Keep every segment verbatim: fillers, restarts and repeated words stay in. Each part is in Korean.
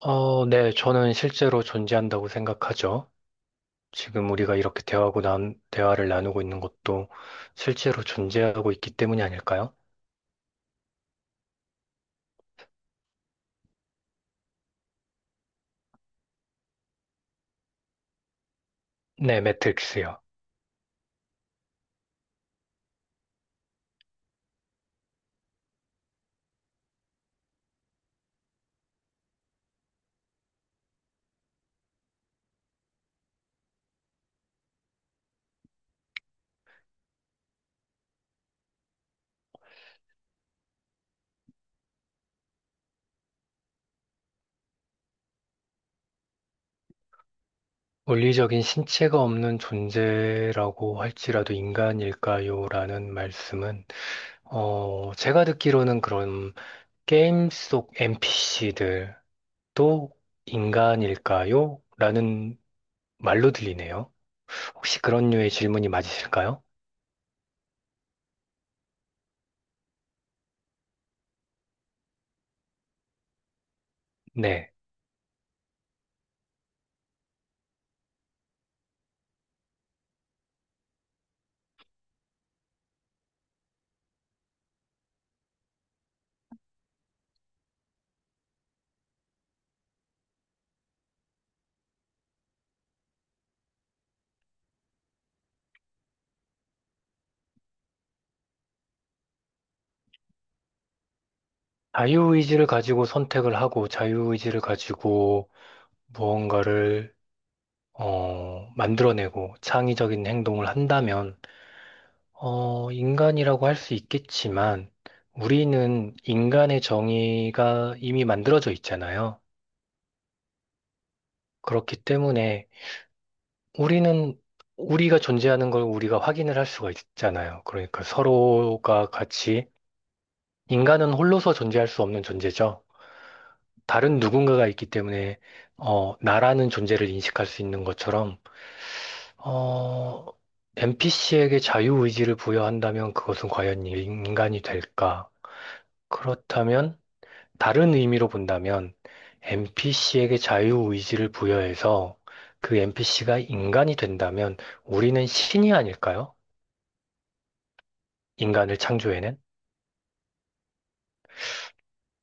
어, 네, 저는 실제로 존재한다고 생각하죠. 지금 우리가 이렇게 대화하고 난, 대화를 나누고 있는 것도 실제로 존재하고 있기 때문이 아닐까요? 네, 매트릭스요. 물리적인 신체가 없는 존재라고 할지라도 인간일까요? 라는 말씀은, 어, 제가 듣기로는 그런 게임 속 엔피씨들도 인간일까요? 라는 말로 들리네요. 혹시 그런 류의 질문이 맞으실까요? 네. 자유의지를 가지고 선택을 하고 자유의지를 가지고 무언가를 어, 만들어내고 창의적인 행동을 한다면 어, 인간이라고 할 수 있겠지만 우리는 인간의 정의가 이미 만들어져 있잖아요. 그렇기 때문에 우리는 우리가 존재하는 걸 우리가 확인을 할 수가 있잖아요. 그러니까 서로가 같이 인간은 홀로서 존재할 수 없는 존재죠. 다른 누군가가 있기 때문에 어, 나라는 존재를 인식할 수 있는 것처럼 어, 엔피씨에게 자유의지를 부여한다면 그것은 과연 인간이 될까? 그렇다면 다른 의미로 본다면 엔피씨에게 자유의지를 부여해서 그 엔피씨가 인간이 된다면 우리는 신이 아닐까요? 인간을 창조해낸?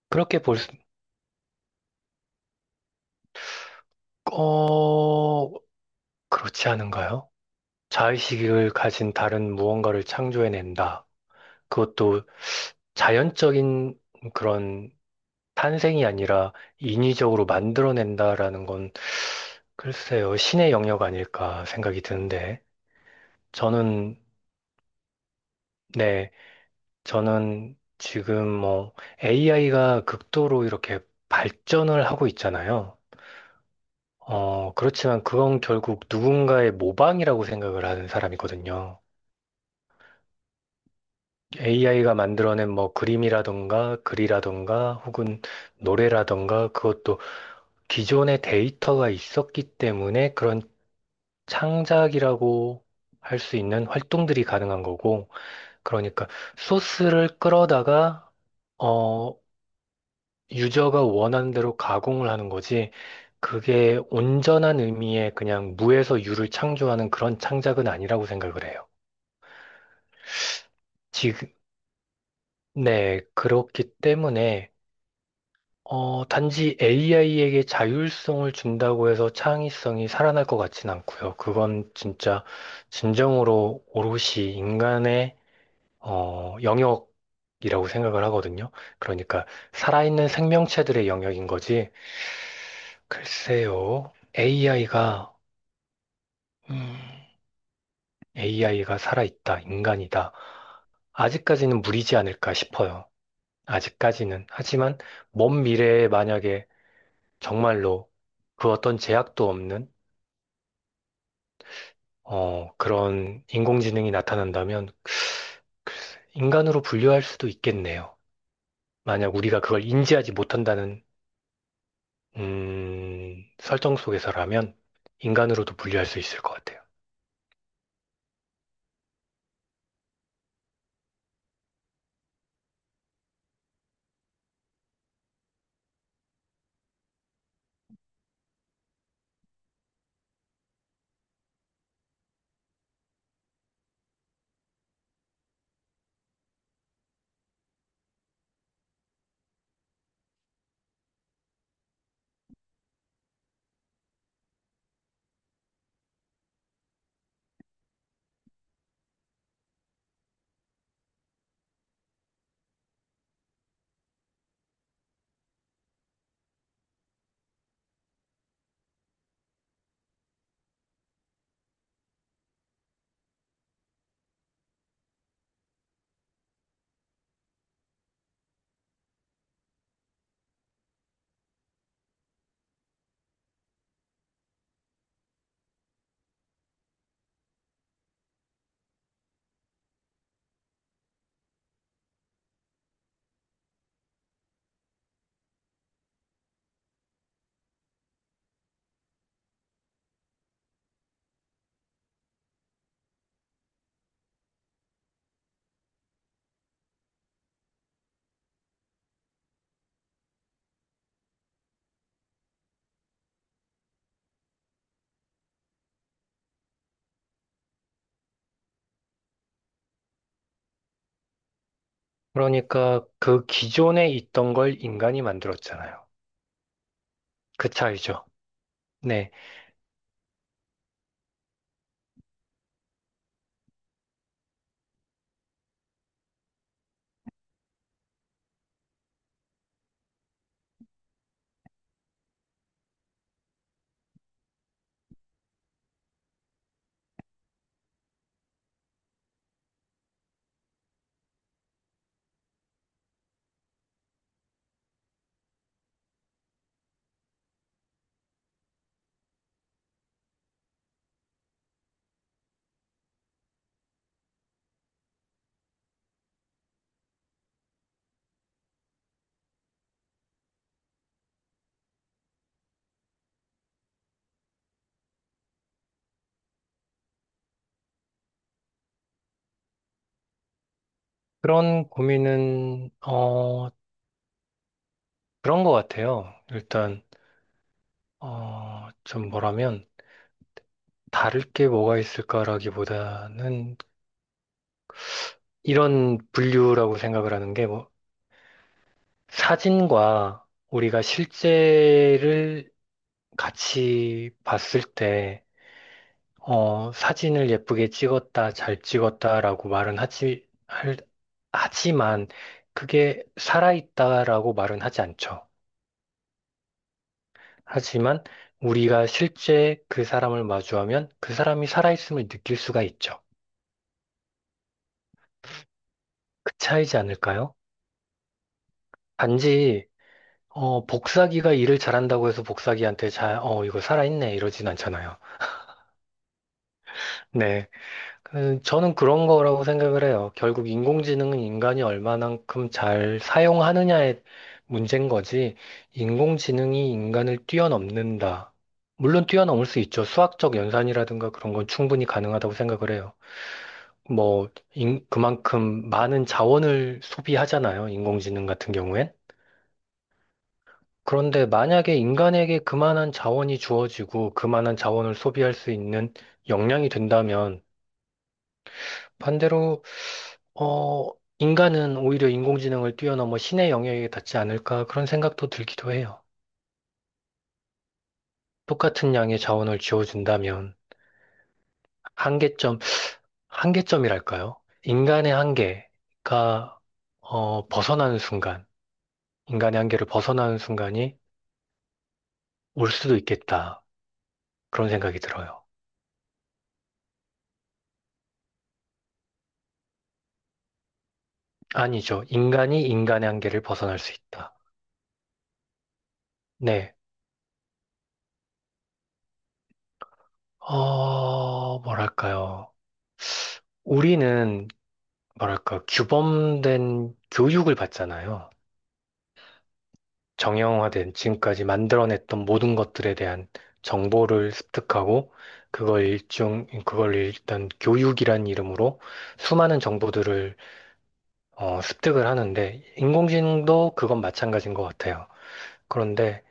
그렇게 볼 수, 어, 그렇지 않은가요? 자의식을 가진 다른 무언가를 창조해낸다. 그것도 자연적인 그런 탄생이 아니라 인위적으로 만들어낸다라는 건 글쎄요, 신의 영역 아닐까 생각이 드는데 저는 네, 저는 지금 뭐 에이아이가 극도로 이렇게 발전을 하고 있잖아요. 어, 그렇지만 그건 결국 누군가의 모방이라고 생각을 하는 사람이거든요. 에이아이가 만들어낸 뭐 그림이라던가 글이라던가 혹은 노래라던가 그것도 기존의 데이터가 있었기 때문에 그런 창작이라고 할 수 있는 활동들이 가능한 거고, 그러니까 소스를 끌어다가, 어, 유저가 원하는 대로 가공을 하는 거지, 그게 온전한 의미의 그냥 무에서 유를 창조하는 그런 창작은 아니라고 생각을 해요. 지금, 네, 그렇기 때문에 어, 단지 에이아이에게 자율성을 준다고 해서 창의성이 살아날 것 같진 않고요. 그건 진짜 진정으로 오롯이 인간의 어, 영역이라고 생각을 하거든요. 그러니까 살아있는 생명체들의 영역인 거지. 글쎄요, 에이아이가 에이아이가 살아있다, 인간이다. 아직까지는 무리지 않을까 싶어요. 아직까지는. 하지만 먼 미래에 만약에 정말로 그 어떤 제약도 없는 어, 그런 인공지능이 나타난다면 인간으로 분류할 수도 있겠네요. 만약 우리가 그걸 인지하지 못한다는 음, 설정 속에서라면 인간으로도 분류할 수 있을 것 같아요. 그러니까 그 기존에 있던 걸 인간이 만들었잖아요. 그 차이죠. 네. 그런 고민은 어, 그런 것 같아요. 일단 어, 좀 뭐라면 다를 게 뭐가 있을까라기보다는 이런 분류라고 생각을 하는 게 뭐 사진과 우리가 실제를 같이 봤을 때 어, 사진을 예쁘게 찍었다, 잘 찍었다라고 말은 하지 할- 하지만 그게 살아있다라고 말은 하지 않죠. 하지만 우리가 실제 그 사람을 마주하면 그 사람이 살아있음을 느낄 수가 있죠. 그 차이지 않을까요? 단지 어, 복사기가 일을 잘한다고 해서 복사기한테 잘, 어, 이거 살아있네, 이러진 않잖아요. 네. 그, 저는 그런 거라고 생각을 해요. 결국 인공지능은 인간이 얼마만큼 잘 사용하느냐의 문제인 거지, 인공지능이 인간을 뛰어넘는다. 물론 뛰어넘을 수 있죠. 수학적 연산이라든가 그런 건 충분히 가능하다고 생각을 해요. 뭐, 인- 그만큼 많은 자원을 소비하잖아요. 인공지능 같은 경우엔. 그런데 만약에 인간에게 그만한 자원이 주어지고 그만한 자원을 소비할 수 있는 역량이 된다면 반대로 어 인간은 오히려 인공지능을 뛰어넘어 신의 영역에 닿지 않을까 그런 생각도 들기도 해요. 똑같은 양의 자원을 지어준다면 한계점, 한계점이랄까요? 인간의 한계가 어, 벗어나는 순간, 인간의 한계를 벗어나는 순간이 올 수도 있겠다. 그런 생각이 들어요. 아니죠. 인간이 인간의 한계를 벗어날 수 있다. 네. 어, 뭐랄까요. 우리는, 뭐랄까, 규범된 교육을 받잖아요. 정형화된 지금까지 만들어냈던 모든 것들에 대한 정보를 습득하고, 그걸 일종, 그걸 일단 교육이란 이름으로 수많은 정보들을 어, 습득을 하는데, 인공지능도 그건 마찬가지인 것 같아요. 그런데,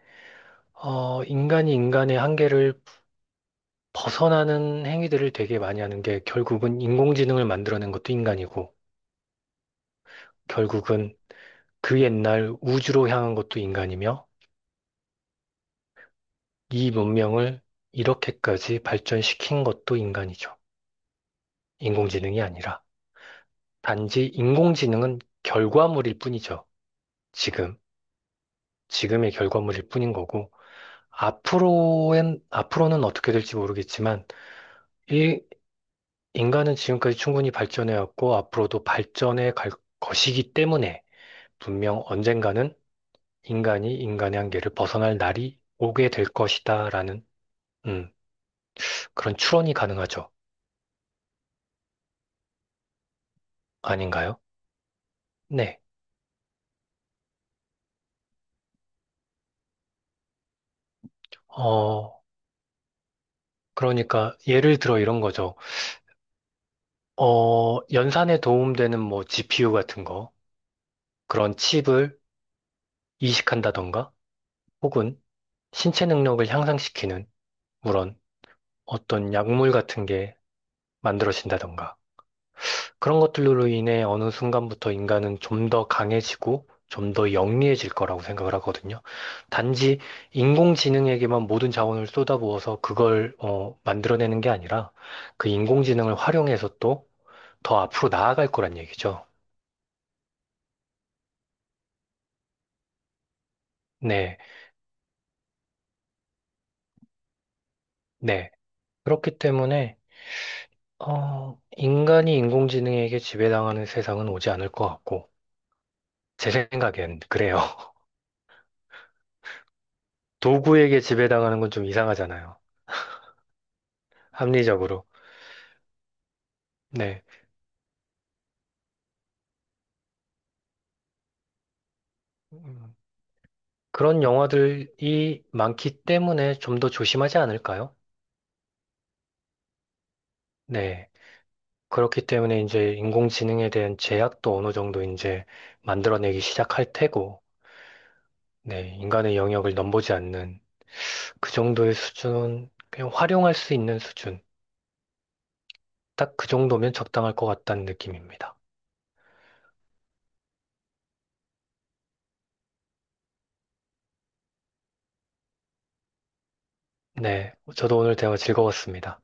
어, 인간이 인간의 한계를 벗어나는 행위들을 되게 많이 하는 게 결국은 인공지능을 만들어낸 것도 인간이고, 결국은 그 옛날 우주로 향한 것도 인간이며 이 문명을 이렇게까지 발전시킨 것도 인간이죠. 인공지능이 아니라. 단지 인공지능은 결과물일 뿐이죠. 지금, 지금의 결과물일 뿐인 거고, 앞으로엔, 앞으로는 어떻게 될지 모르겠지만, 이 인간은 지금까지 충분히 발전해왔고, 앞으로도 발전해 갈 것이기 때문에, 분명 언젠가는 인간이 인간의 한계를 벗어날 날이 오게 될 것이다라는 음, 그런 추론이 가능하죠. 아닌가요? 네. 어, 그러니까 예를 들어 이런 거죠. 어, 연산에 도움되는 뭐 지피유 같은 거, 그런 칩을 이식한다던가, 혹은 신체 능력을 향상시키는, 물론 어떤 약물 같은 게 만들어진다던가. 그런 것들로 인해 어느 순간부터 인간은 좀 더 강해지고 좀 더 영리해질 거라고 생각을 하거든요. 단지 인공지능에게만 모든 자원을 쏟아부어서 그걸 어, 만들어내는 게 아니라 그 인공지능을 활용해서 또 더 앞으로 나아갈 거란 얘기죠. 네, 네. 그렇기 때문에 어, 인간이 인공지능에게 지배당하는 세상은 오지 않을 것 같고 제 생각엔 그래요. 도구에게 지배당하는 건 좀 이상하잖아요. 합리적으로. 네. 음. 그런 영화들이 많기 때문에 좀 더 조심하지 않을까요? 네. 그렇기 때문에 이제 인공지능에 대한 제약도 어느 정도 이제 만들어내기 시작할 테고, 네. 인간의 영역을 넘보지 않는 그 정도의 수준은 그냥 활용할 수 있는 수준. 딱 그 정도면 적당할 것 같다는 느낌입니다. 네. 저도 오늘 대화 즐거웠습니다.